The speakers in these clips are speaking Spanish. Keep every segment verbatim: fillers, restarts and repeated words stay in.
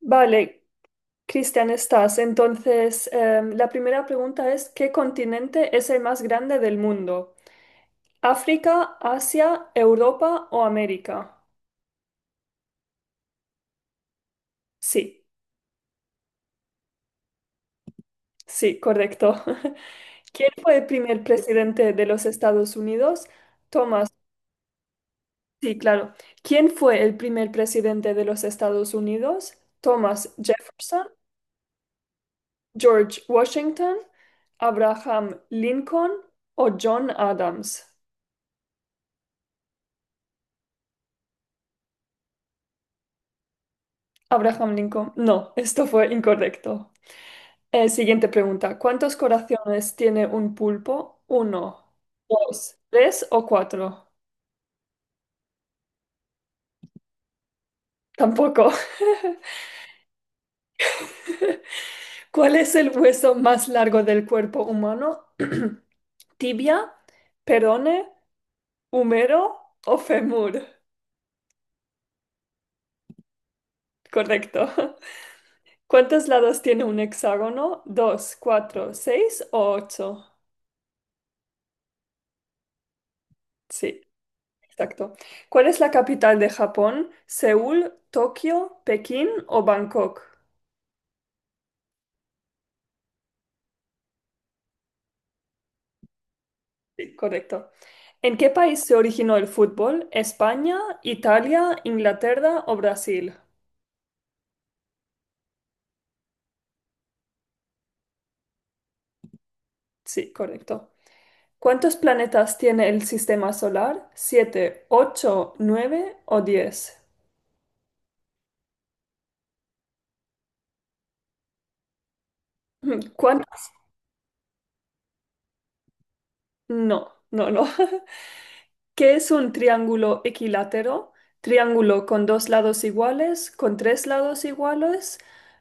Vale, Cristian, estás. Entonces, em, la primera pregunta es, ¿qué continente es el más grande del mundo? ¿África, Asia, Europa o América? Sí, sí, correcto. ¿Quién fue el primer presidente de los Estados Unidos? Thomas, sí, claro. ¿Quién fue el primer presidente de los Estados Unidos? Thomas Jefferson, George Washington, Abraham Lincoln o John Adams. Abraham Lincoln. No, esto fue incorrecto. Eh, siguiente pregunta. ¿Cuántos corazones tiene un pulpo? ¿Uno, dos, tres o cuatro? Tampoco. ¿Cuál es el hueso más largo del cuerpo humano? ¿Tibia, perone, húmero o femur? Correcto. ¿Cuántos lados tiene un hexágono? ¿Dos, cuatro, seis o ocho? Sí. Exacto. ¿Cuál es la capital de Japón? ¿Seúl, Tokio, Pekín o Bangkok? Sí, correcto. ¿En qué país se originó el fútbol? ¿España, Italia, Inglaterra o Brasil? Sí, correcto. ¿Cuántos planetas tiene el sistema solar? ¿Siete, ocho, nueve o diez? ¿Cuántos? No, no, no. ¿Qué es un triángulo equilátero? Triángulo con dos lados iguales, con tres lados iguales,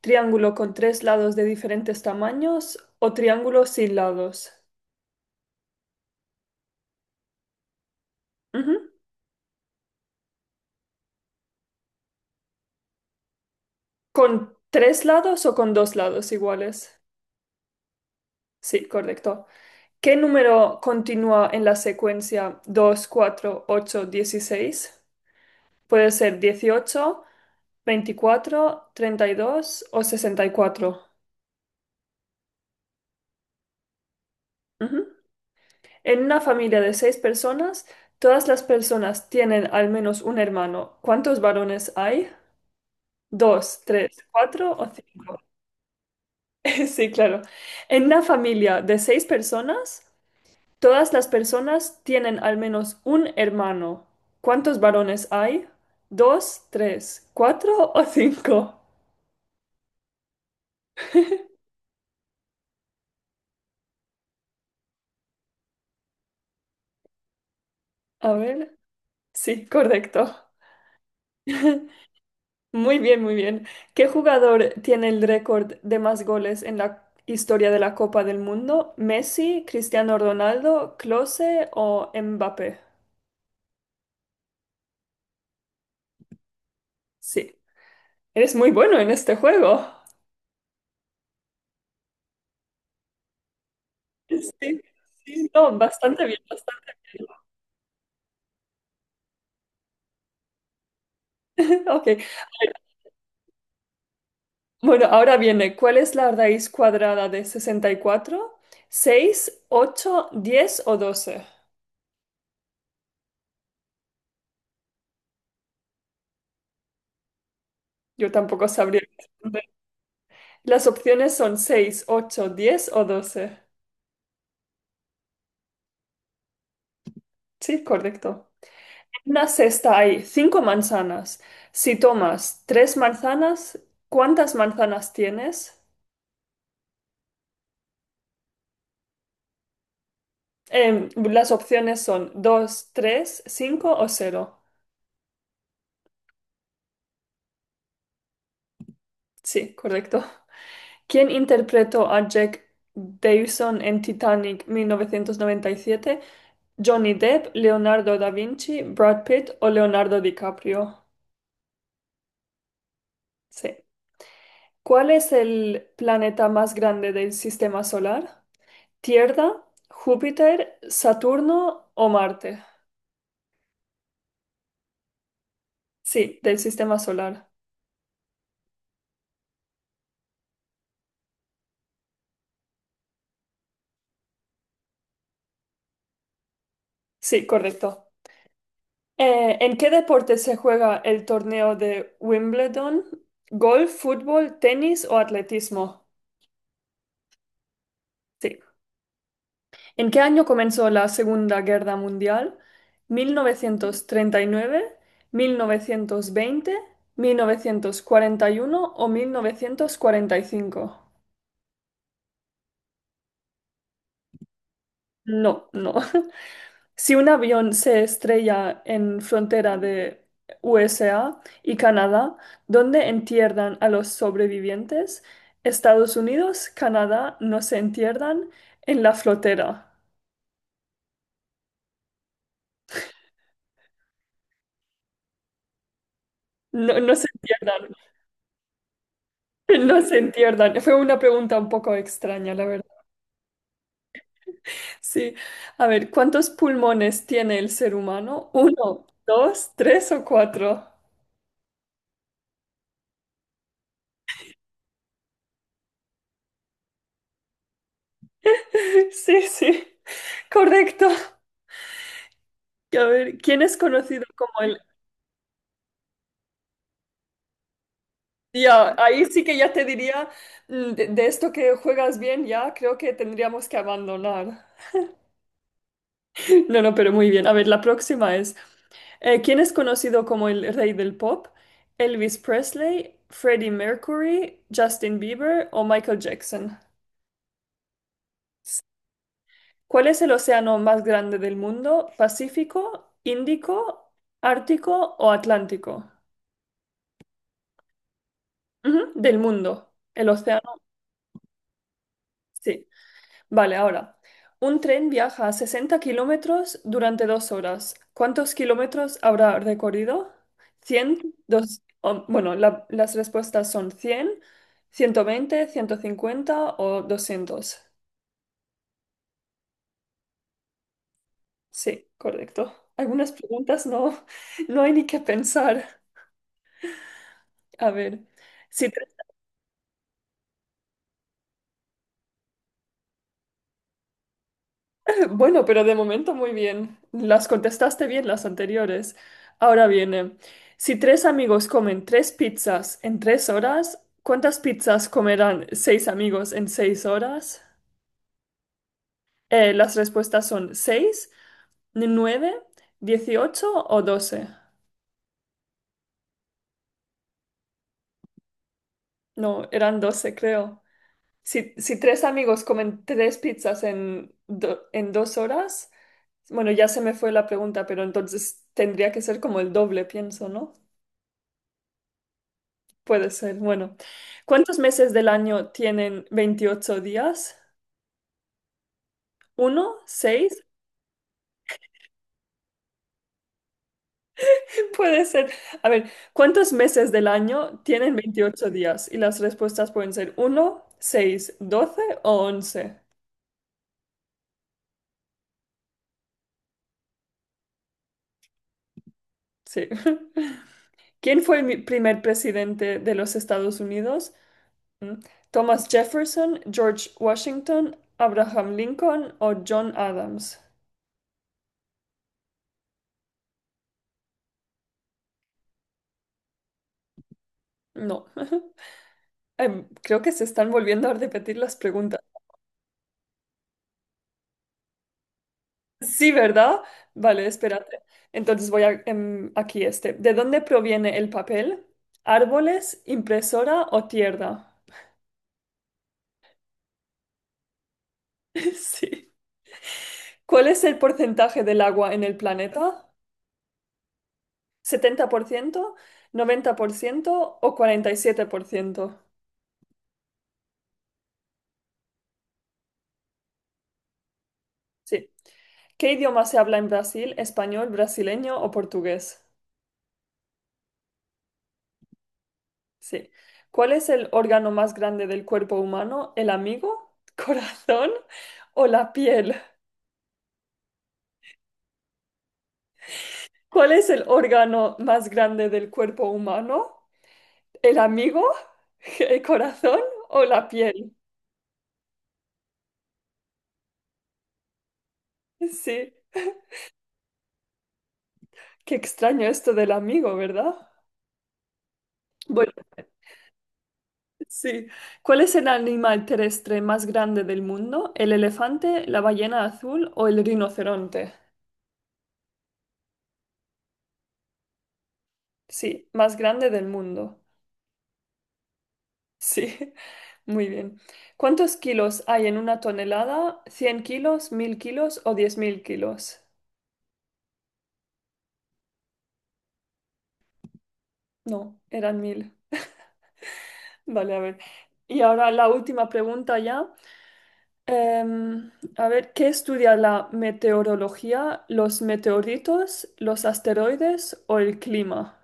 triángulo con tres lados de diferentes tamaños o triángulo sin lados. Ujú. ¿Con tres lados o con dos lados iguales? Sí, correcto. ¿Qué número continúa en la secuencia dos, cuatro, ocho, dieciséis? Puede ser dieciocho, veinticuatro, treinta y dos o sesenta y cuatro. Ujú. En una familia de seis personas, todas las personas tienen al menos un hermano. ¿Cuántos varones hay? ¿Dos, tres, cuatro o cinco? Sí, claro. En una familia de seis personas, todas las personas tienen al menos un hermano. ¿Cuántos varones hay? ¿Dos, tres, cuatro o cinco? A ver. Sí, correcto. Muy bien, muy bien. ¿Qué jugador tiene el récord de más goles en la historia de la Copa del Mundo? ¿Messi, Cristiano Ronaldo, Klose o Mbappé? Sí, eres muy bueno en este juego. Sí, sí, no, bastante bien, bastante bien. Ok. Bueno, ahora viene, ¿cuál es la raíz cuadrada de sesenta y cuatro? Seis, ocho, diez o doce. Yo tampoco sabría responder. Las opciones son seis, ocho, diez o doce. Sí, correcto. En una cesta hay cinco manzanas. Si tomas tres manzanas, ¿cuántas manzanas tienes? Em, las opciones son dos, tres, cinco o cero. Sí, correcto. ¿Quién interpretó a Jack Dawson en Titanic mil novecientos noventa y siete? Johnny Depp, Leonardo da Vinci, Brad Pitt o Leonardo DiCaprio. Sí. ¿Cuál es el planeta más grande del sistema solar? Tierra, Júpiter, Saturno o Marte. Sí, del sistema solar. Sí, correcto. Eh, ¿en qué deporte se juega el torneo de Wimbledon? ¿Golf, fútbol, tenis o atletismo? Sí. ¿En qué año comenzó la Segunda Guerra Mundial? Mil mil mil novecientos novecientos novecientos treinta y nueve, mil novecientos veinte, mil novecientos cuarenta y uno o mil novecientos cuarenta y cinco. No, no. Si un avión se estrella en frontera de U S A y Canadá, ¿dónde entierran a los sobrevivientes? Estados Unidos, Canadá, no se entierran en la frontera. No, no se entierran, no se entierran. Fue una pregunta un poco extraña, la verdad. Sí. A ver, ¿cuántos pulmones tiene el ser humano? ¿Uno, dos, tres o cuatro? Sí, sí. Correcto. A ver, ¿quién es conocido como el ya, ahí sí que ya te diría, mm, de, de esto que juegas bien, ya creo que tendríamos que abandonar. No, no, pero muy bien. A ver, la próxima es, eh, ¿quién es conocido como el rey del pop? ¿Elvis Presley, Freddie Mercury, Justin Bieber o Michael Jackson? ¿Cuál es el océano más grande del mundo? ¿Pacífico, Índico, Ártico o Atlántico? Ujú, del mundo. El océano, sí. Vale, ahora. Un tren viaja a sesenta kilómetros durante dos horas. ¿Cuántos kilómetros habrá recorrido? Cien, dos, o- bueno, la- las respuestas son cien, ciento veinte, ciento cincuenta o doscientos. Sí, correcto. Algunas preguntas no, no hay ni que pensar. A ver, si bueno, pero de momento muy bien. Las contestaste bien las anteriores. Ahora viene, si tres amigos comen tres pizzas en tres horas, ¿cuántas pizzas comerán seis amigos en seis horas? Eh, las respuestas son seis, nueve, dieciocho o doce. No, eran doce, creo. Si, si tres amigos comen tres pizzas en, do- en dos horas, bueno, ya se me fue la pregunta, pero entonces tendría que ser como el doble, pienso, ¿no? Puede ser. Bueno, ¿cuántos meses del año tienen veintiocho días? ¿Uno? ¿Seis? Puede ser. A ver, ¿cuántos meses del año tienen veintiocho días? Y las respuestas pueden ser uno, seis, doce o once. Sí. ¿Quién fue el mi- primer presidente de los Estados Unidos? Mm. ¿Thomas Jefferson, George Washington, Abraham Lincoln o John Adams? No. Em, Creo que se están volviendo a repetir las preguntas. Sí, ¿verdad? Vale, espérate. Entonces voy a, em, aquí este. ¿De dónde proviene el papel? ¿Árboles, impresora o tierra? Sí. ¿Cuál es el porcentaje del agua en el planeta? Setenta por ciento, noventa por ciento o cuarenta y siete por ciento. Sí. ¿Qué idioma se habla en Brasil? ¿Español, brasileño o portugués? Sí. ¿Cuál es el órgano más grande del cuerpo humano? ¿El amigo, corazón o la piel? ¿Cuál es el órgano más grande del cuerpo humano? ¿El amigo? ¿El corazón o la piel? Sí, qué extraño esto del amigo, ¿verdad? Bueno, sí. ¿Cuál es el animal terrestre más grande del mundo? ¿El elefante, la ballena azul o el rinoceronte? Sí, más grande del mundo. Sí, muy bien. ¿Cuántos kilos hay en una tonelada? ¿Cien kilos, mil kilos o diez mil kilos? No, eran mil. Vale, a ver. Y ahora la última pregunta ya. Em, a ver, ¿qué estudia la meteorología, los meteoritos, los asteroides o el clima?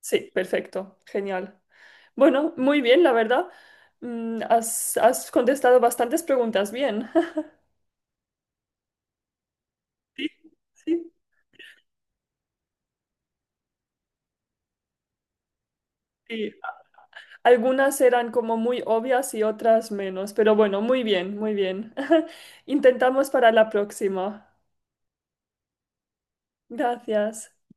Sí, perfecto, genial. Bueno, muy bien, la verdad. Mm, has, has contestado bastantes preguntas bien. Sí, sí. Algunas eran como muy obvias y otras menos, pero bueno, muy bien, muy bien. Intentamos para la próxima. Gracias.